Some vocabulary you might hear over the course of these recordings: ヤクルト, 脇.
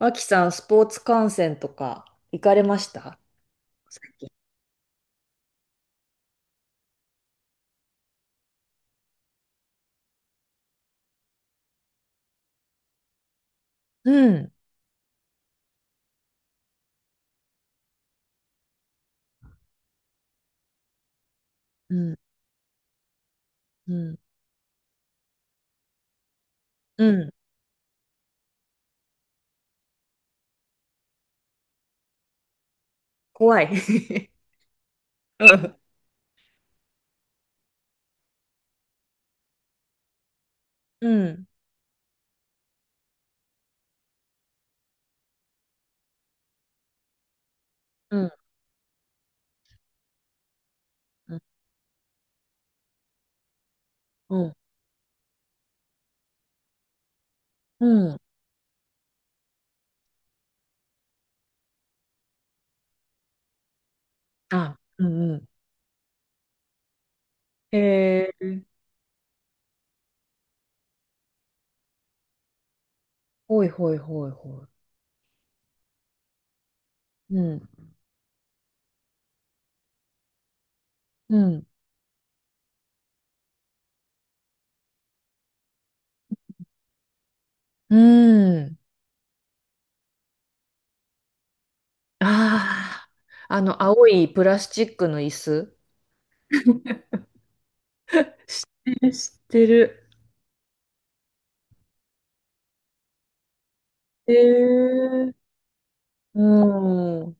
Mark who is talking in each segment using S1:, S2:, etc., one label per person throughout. S1: 脇さん、スポーツ観戦とか行かれました？最近。うん、うん、うん、うん。怖い。うん、うん、うん、うん、うん。うん。あ、うん、うん。へえ。ほいほいほいほい。うん、うん、うん。ああ、あの、青いプラスチックの椅子。え、知ってる。えー、うん。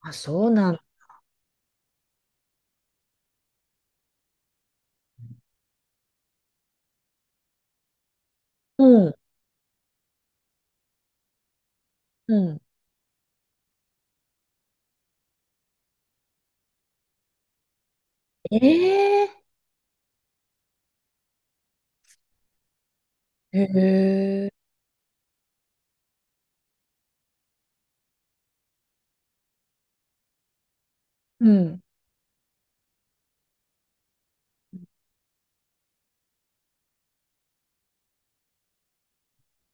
S1: あ、そうなん。うん、うん。ええー、へえ、うん。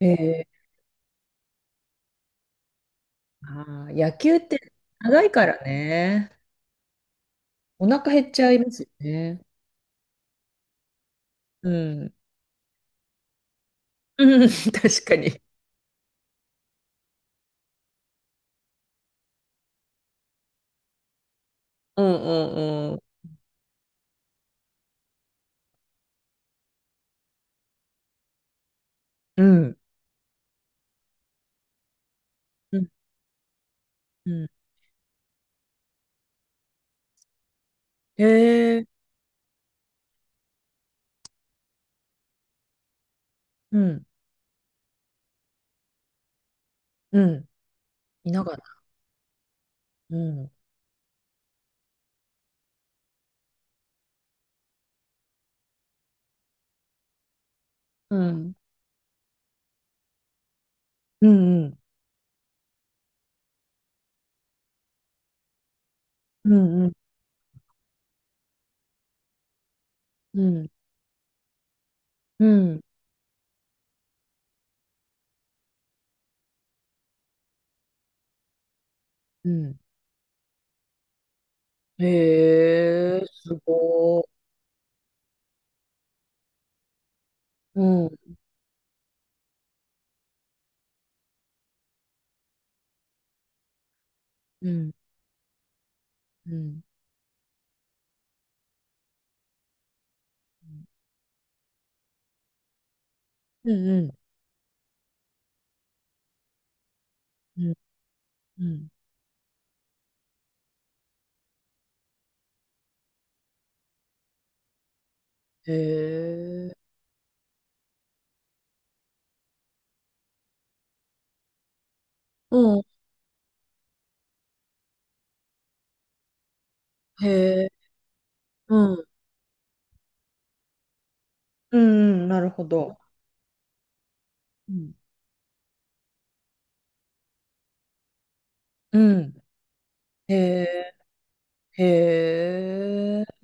S1: ええ。あー、野球って長いからね。お腹減っちゃいますよね。うん。うん、確かに。うんうんうん。うん。うんうん。へえ。うん。うん。いながら。うん。うん。うんうん。うんうん。うん。うん。へえ、すごい。うん。うん。うん。うんうん。うんうん。へえ。うん。へえ。うん。うんうん。なるほど。うんうん。へえ、へえ。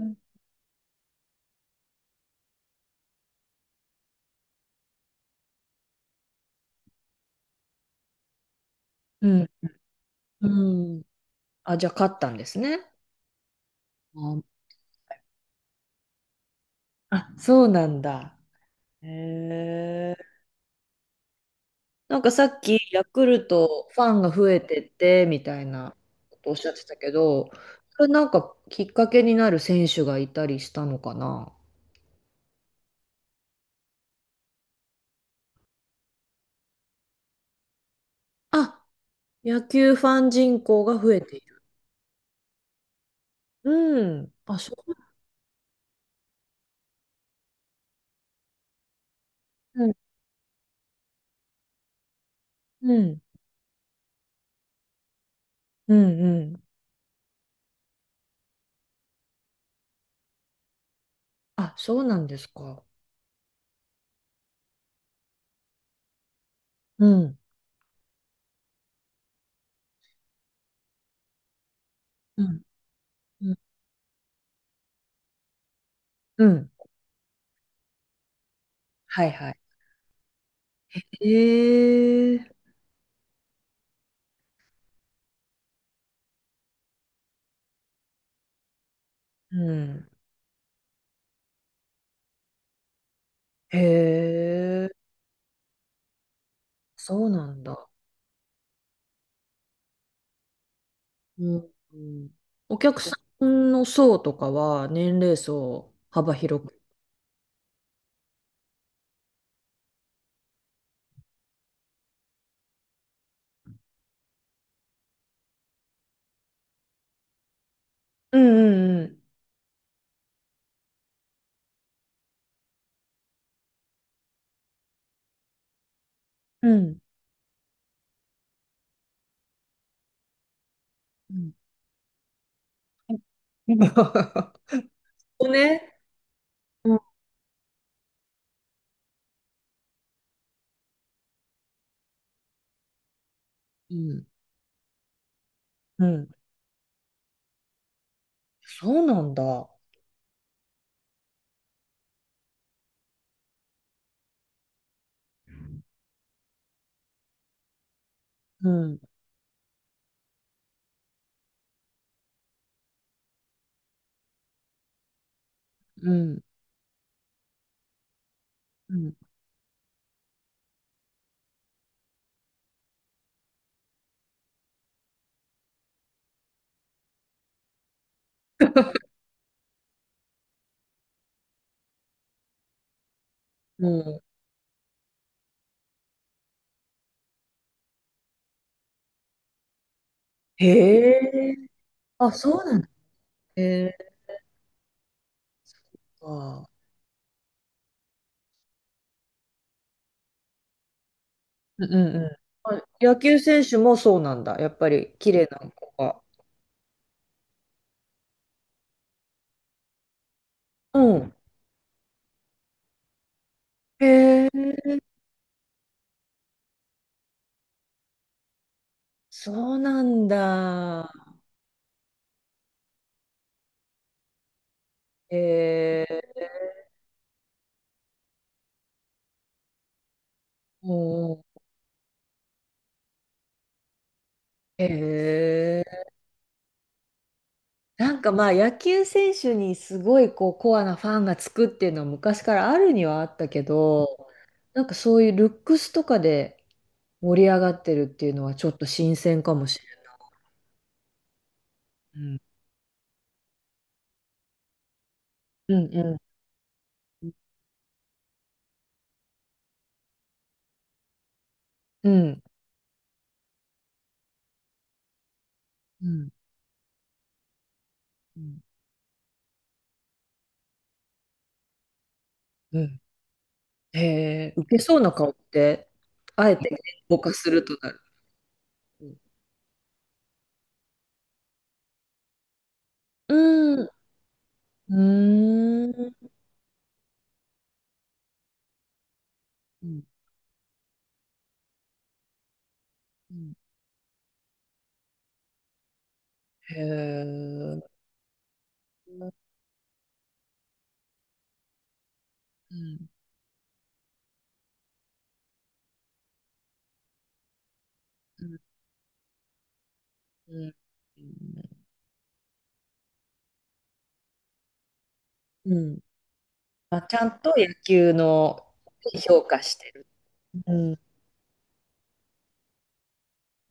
S1: うん。うん。あ、じゃあ勝ったんですね。あ、あ、そうなんだ。へえ。なんかさっきヤクルトファンが増えてってみたいなことおっしゃってたけど、それなんかきっかけになる選手がいたりしたのかな。あ、野球ファン人口が増えている。うん。あ、そう。うん。うん。うん。うん。あ、そうなんですか。うん。うん。うん。うん。はいはい。ええ、うん。へえ、そうなんだ。うん。うん。お客さんの層とかは年齢層幅広く。うんうんうん。うん。うん。 うん。こね。うん。うんうん、そうなんだ。うん。うん。うん。うん。へえ。あ、そうなんだ。へえ、あ、うんうんうん。あ、野球選手もそうなんだ。やっぱり綺麗な子が。うん。へえ、そうなんだ。へえ、うん。へえ。なんかまあ野球選手にすごいこうコアなファンがつくっていうのは昔からあるにはあったけど、なんかそういうルックスとかで盛り上がってるっていうのはちょっと新鮮かもしれない。うん。うんうんうんうんうん。へえ、ウケそうな顔って、あえてぼかするとなる。うん。うーん。うん。へえ。うん。うん。うんうんうん。あ、ちゃんと野球の評価してる。うん。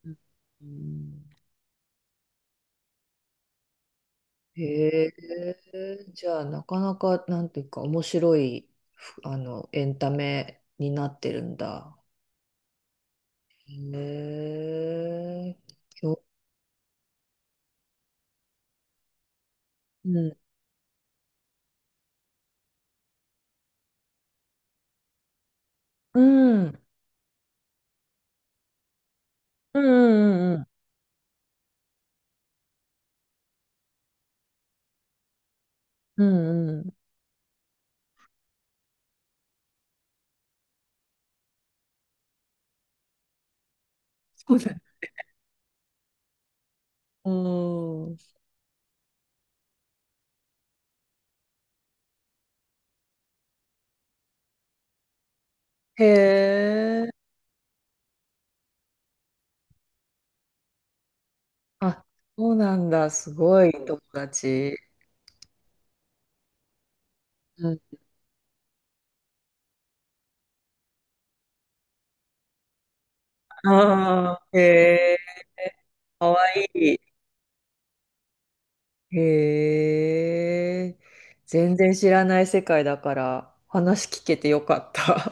S1: うんうん。へえ。じゃあ、なかなか、なんていうか、面白い、ふあの、エンタメになってるんだ。へえ。きょうん。うん。うんうんうんうん。うんうん。そうだよ、うん。へえ。あ、そうなんだ。すごい友達。うん。ああ、へえ、かわいい。へえ、全然知らない世界だから話聞けてよかった。